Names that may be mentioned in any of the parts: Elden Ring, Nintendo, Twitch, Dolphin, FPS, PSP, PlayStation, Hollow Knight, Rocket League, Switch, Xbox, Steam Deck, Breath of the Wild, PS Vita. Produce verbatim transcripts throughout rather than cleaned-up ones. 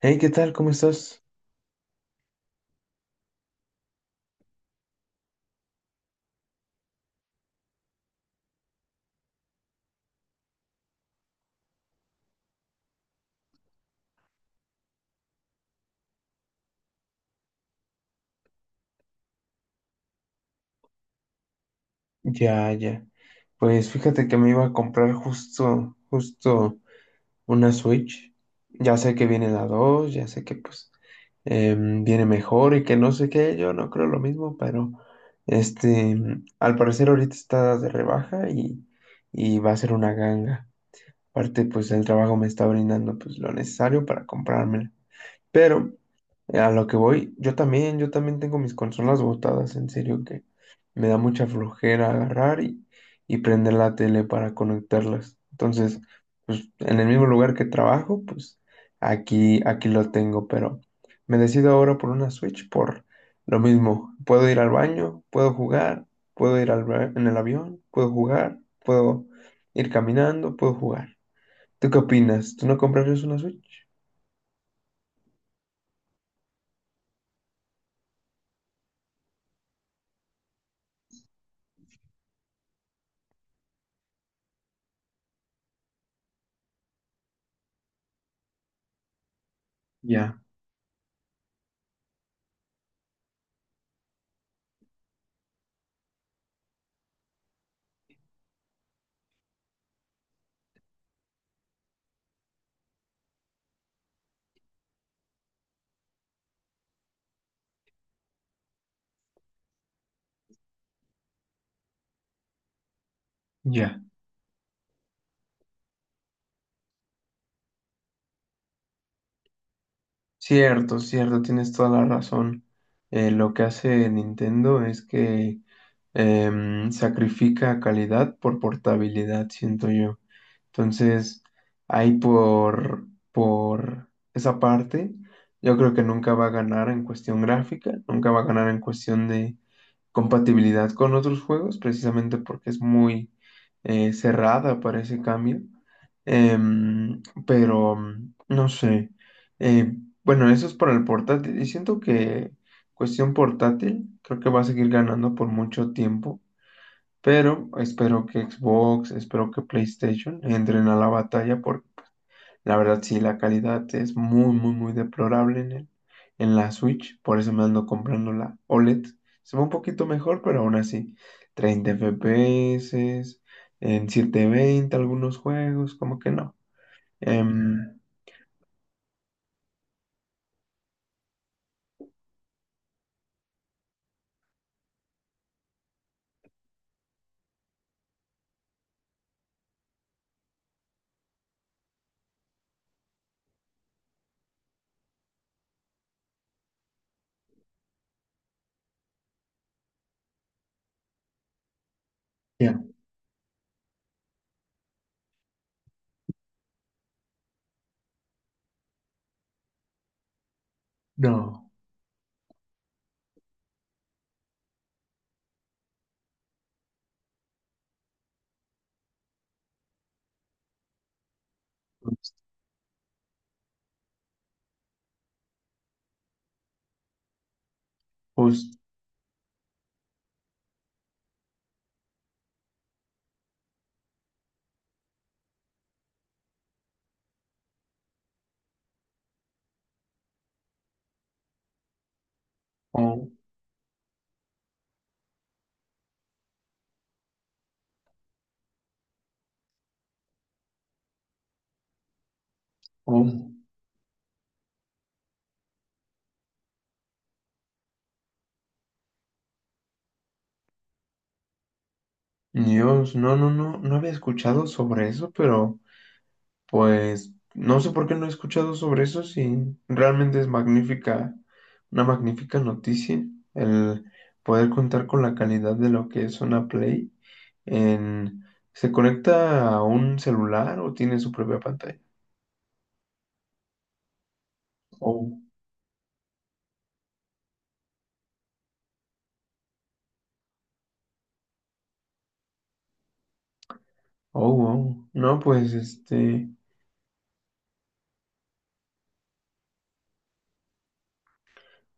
Hey, ¿qué tal? ¿Cómo estás? Ya, ya. Pues fíjate que me iba a comprar justo, justo una Switch. Ya sé que viene la dos, ya sé que pues em, viene mejor y que no sé qué, yo no creo lo mismo, pero este, mm, al parecer ahorita está de rebaja y, y va a ser una ganga. Aparte, pues el trabajo me está brindando pues lo necesario para comprármela. Pero eh, a lo que voy, yo también, yo también tengo mis consolas botadas, en serio que me da mucha flojera agarrar y, y prender la tele para conectarlas. Entonces, pues en el mismo lugar que trabajo, pues aquí, aquí lo tengo, pero me decido ahora por una Switch por lo mismo. Puedo ir al baño, puedo jugar, puedo ir al, ba- en el avión, puedo jugar, puedo ir caminando, puedo jugar. ¿Tú qué opinas? ¿Tú no comprarías una Switch? Ya, ya. Cierto, cierto, tienes toda la razón. Eh, lo que hace Nintendo es que em, sacrifica calidad por portabilidad, siento yo. Entonces, ahí por, por esa parte, yo creo que nunca va a ganar en cuestión gráfica, nunca va a ganar en cuestión de compatibilidad con otros juegos, precisamente porque es muy eh, cerrada para ese cambio. Em, pero mm, no sé. Eh, bueno, eso es para el portátil. Y siento que cuestión portátil, creo que va a seguir ganando por mucho tiempo. Pero espero que Xbox, espero que PlayStation entren a la batalla porque la verdad sí, la calidad es muy, muy, muy deplorable en el, en la Switch. Por eso me ando comprando la OLED. Se ve un poquito mejor, pero aún así, treinta F P S, en setecientos veinte algunos juegos, como que no. Em, ya, no. Pues, oh, oh, Dios, no, no, no, no había escuchado sobre eso, pero pues no sé por qué no he escuchado sobre eso si realmente es magnífica, una magnífica noticia el poder contar con la calidad de lo que es una Play en. ¿Se conecta a un celular o tiene su propia pantalla? Oh, oh, wow. No, pues este,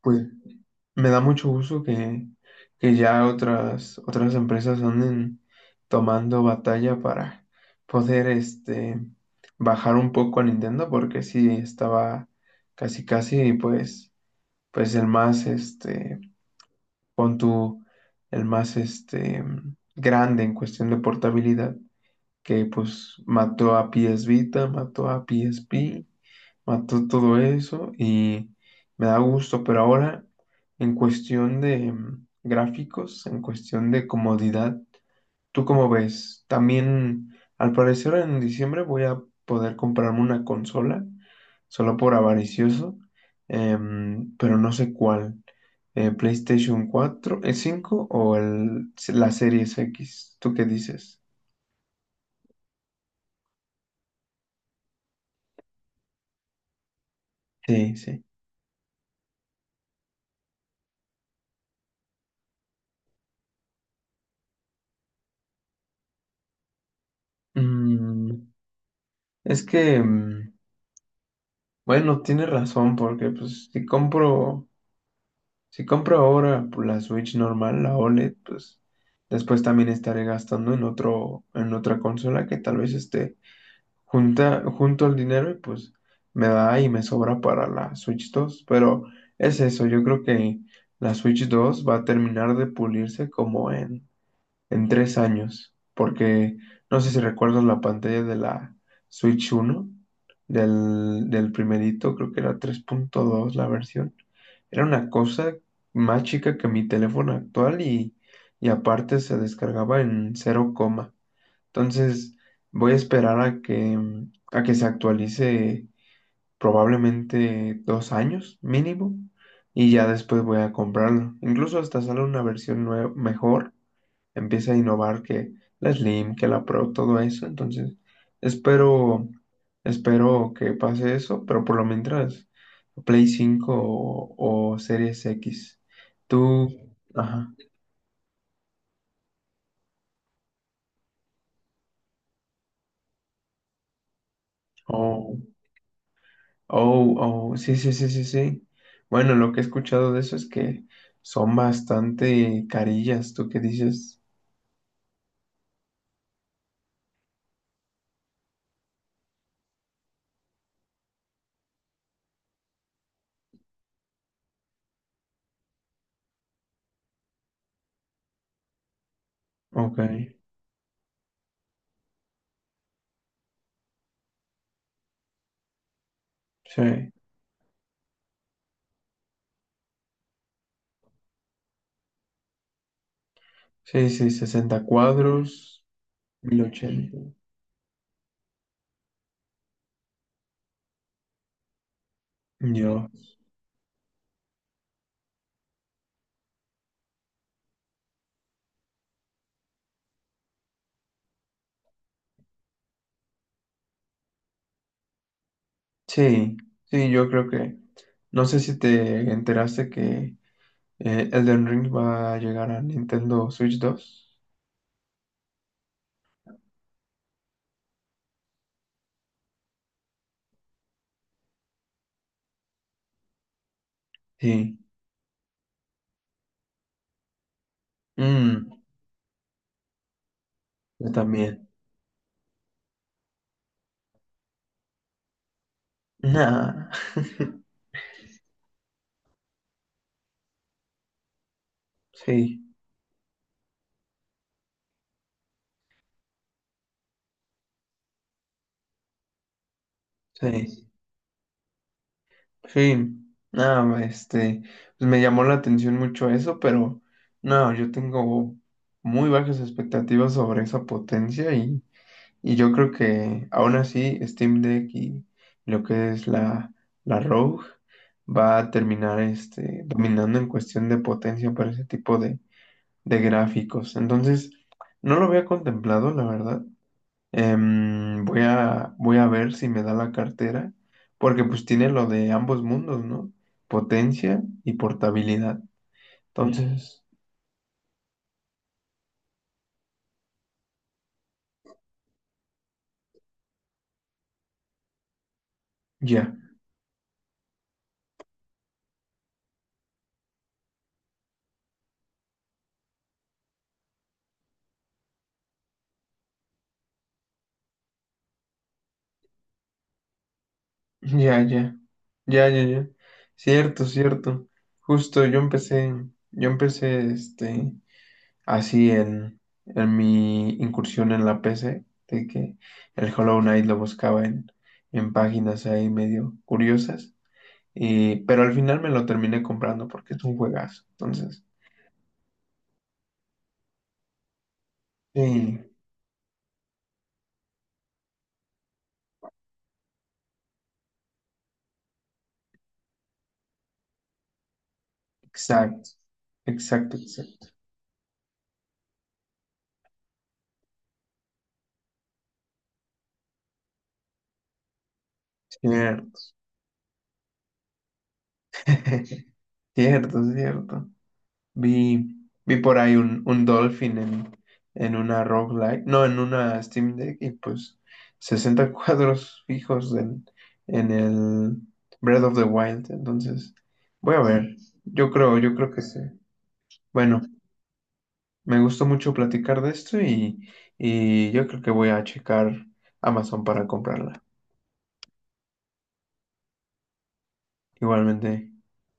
pues me da mucho gusto que, que ya otras, otras empresas anden tomando batalla para poder este, bajar un poco a Nintendo, porque sí estaba casi casi, pues, pues el más, este, pon tú, el más este, grande en cuestión de portabilidad, que pues mató a P S Vita, mató a P S P, mató todo eso y me da gusto, pero ahora en cuestión de mm, gráficos, en cuestión de comodidad, ¿tú cómo ves? También al parecer en diciembre voy a poder comprarme una consola, solo por avaricioso, em, pero no sé cuál. eh, PlayStation cuatro el cinco o el, la Series X, ¿tú qué dices? Sí, sí. Mm, es que mm, Bueno, tienes razón, porque pues si compro, si compro ahora pues, la Switch normal, la OLED, pues después también estaré gastando en otro, en otra consola que tal vez esté junta, junto al dinero y pues me da y me sobra para la Switch dos. Pero es eso, yo creo que la Switch dos va a terminar de pulirse como en en tres años, porque no sé si recuerdas la pantalla de la Switch uno del, del primerito, creo que era tres punto dos la versión. Era una cosa más chica que mi teléfono actual y, y aparte se descargaba en cero coma. Entonces voy a esperar a que, a que se actualice probablemente dos años mínimo y ya después voy a comprarlo. Incluso hasta sale una versión nue- mejor, empieza a innovar que la Slim, que la Pro, todo eso. Entonces, espero, espero que pase eso, pero por lo mientras, Play cinco o, o Series X. Tú, ajá, oh, oh, oh, sí, sí, sí, sí, sí. Bueno, lo que he escuchado de eso es que son bastante carillas, ¿tú qué dices? Ok, sí, sí, sí, sesenta cuadros, mil ochenta. Yo, sí, sí, yo creo que no sé si te enteraste que eh, Elden Ring va a llegar a Nintendo Switch dos. Sí. Mm, yo también. Nah. Sí, sí, sí. No, este, pues me llamó la atención mucho eso, pero no, yo tengo muy bajas expectativas sobre esa potencia y Y yo creo que aún así Steam Deck y lo que es la, la Rogue va a terminar este, dominando en cuestión de potencia para ese tipo de, de gráficos. Entonces, no lo había contemplado, la verdad. Em, voy a, voy a ver si me da la cartera, porque pues tiene lo de ambos mundos, ¿no? Potencia y portabilidad. Entonces, ya. Ya, ya, ya, ya, ya. Cierto, cierto. Justo yo empecé, yo empecé este, así en, en mi incursión en la P C, de que el Hollow Knight lo buscaba en, en páginas ahí medio curiosas, y, pero al final me lo terminé comprando porque es un juegazo. Entonces, sí, exacto, exacto, exacto. Cierto, cierto, cierto. Vi, vi por ahí un, un Dolphin en, en una roguelike, no, en una Steam Deck, y pues sesenta cuadros fijos en, en el Breath of the Wild. Entonces, voy a ver. Yo creo, yo creo que sí. Bueno, me gustó mucho platicar de esto y, y yo creo que voy a checar Amazon para comprarla. Igualmente.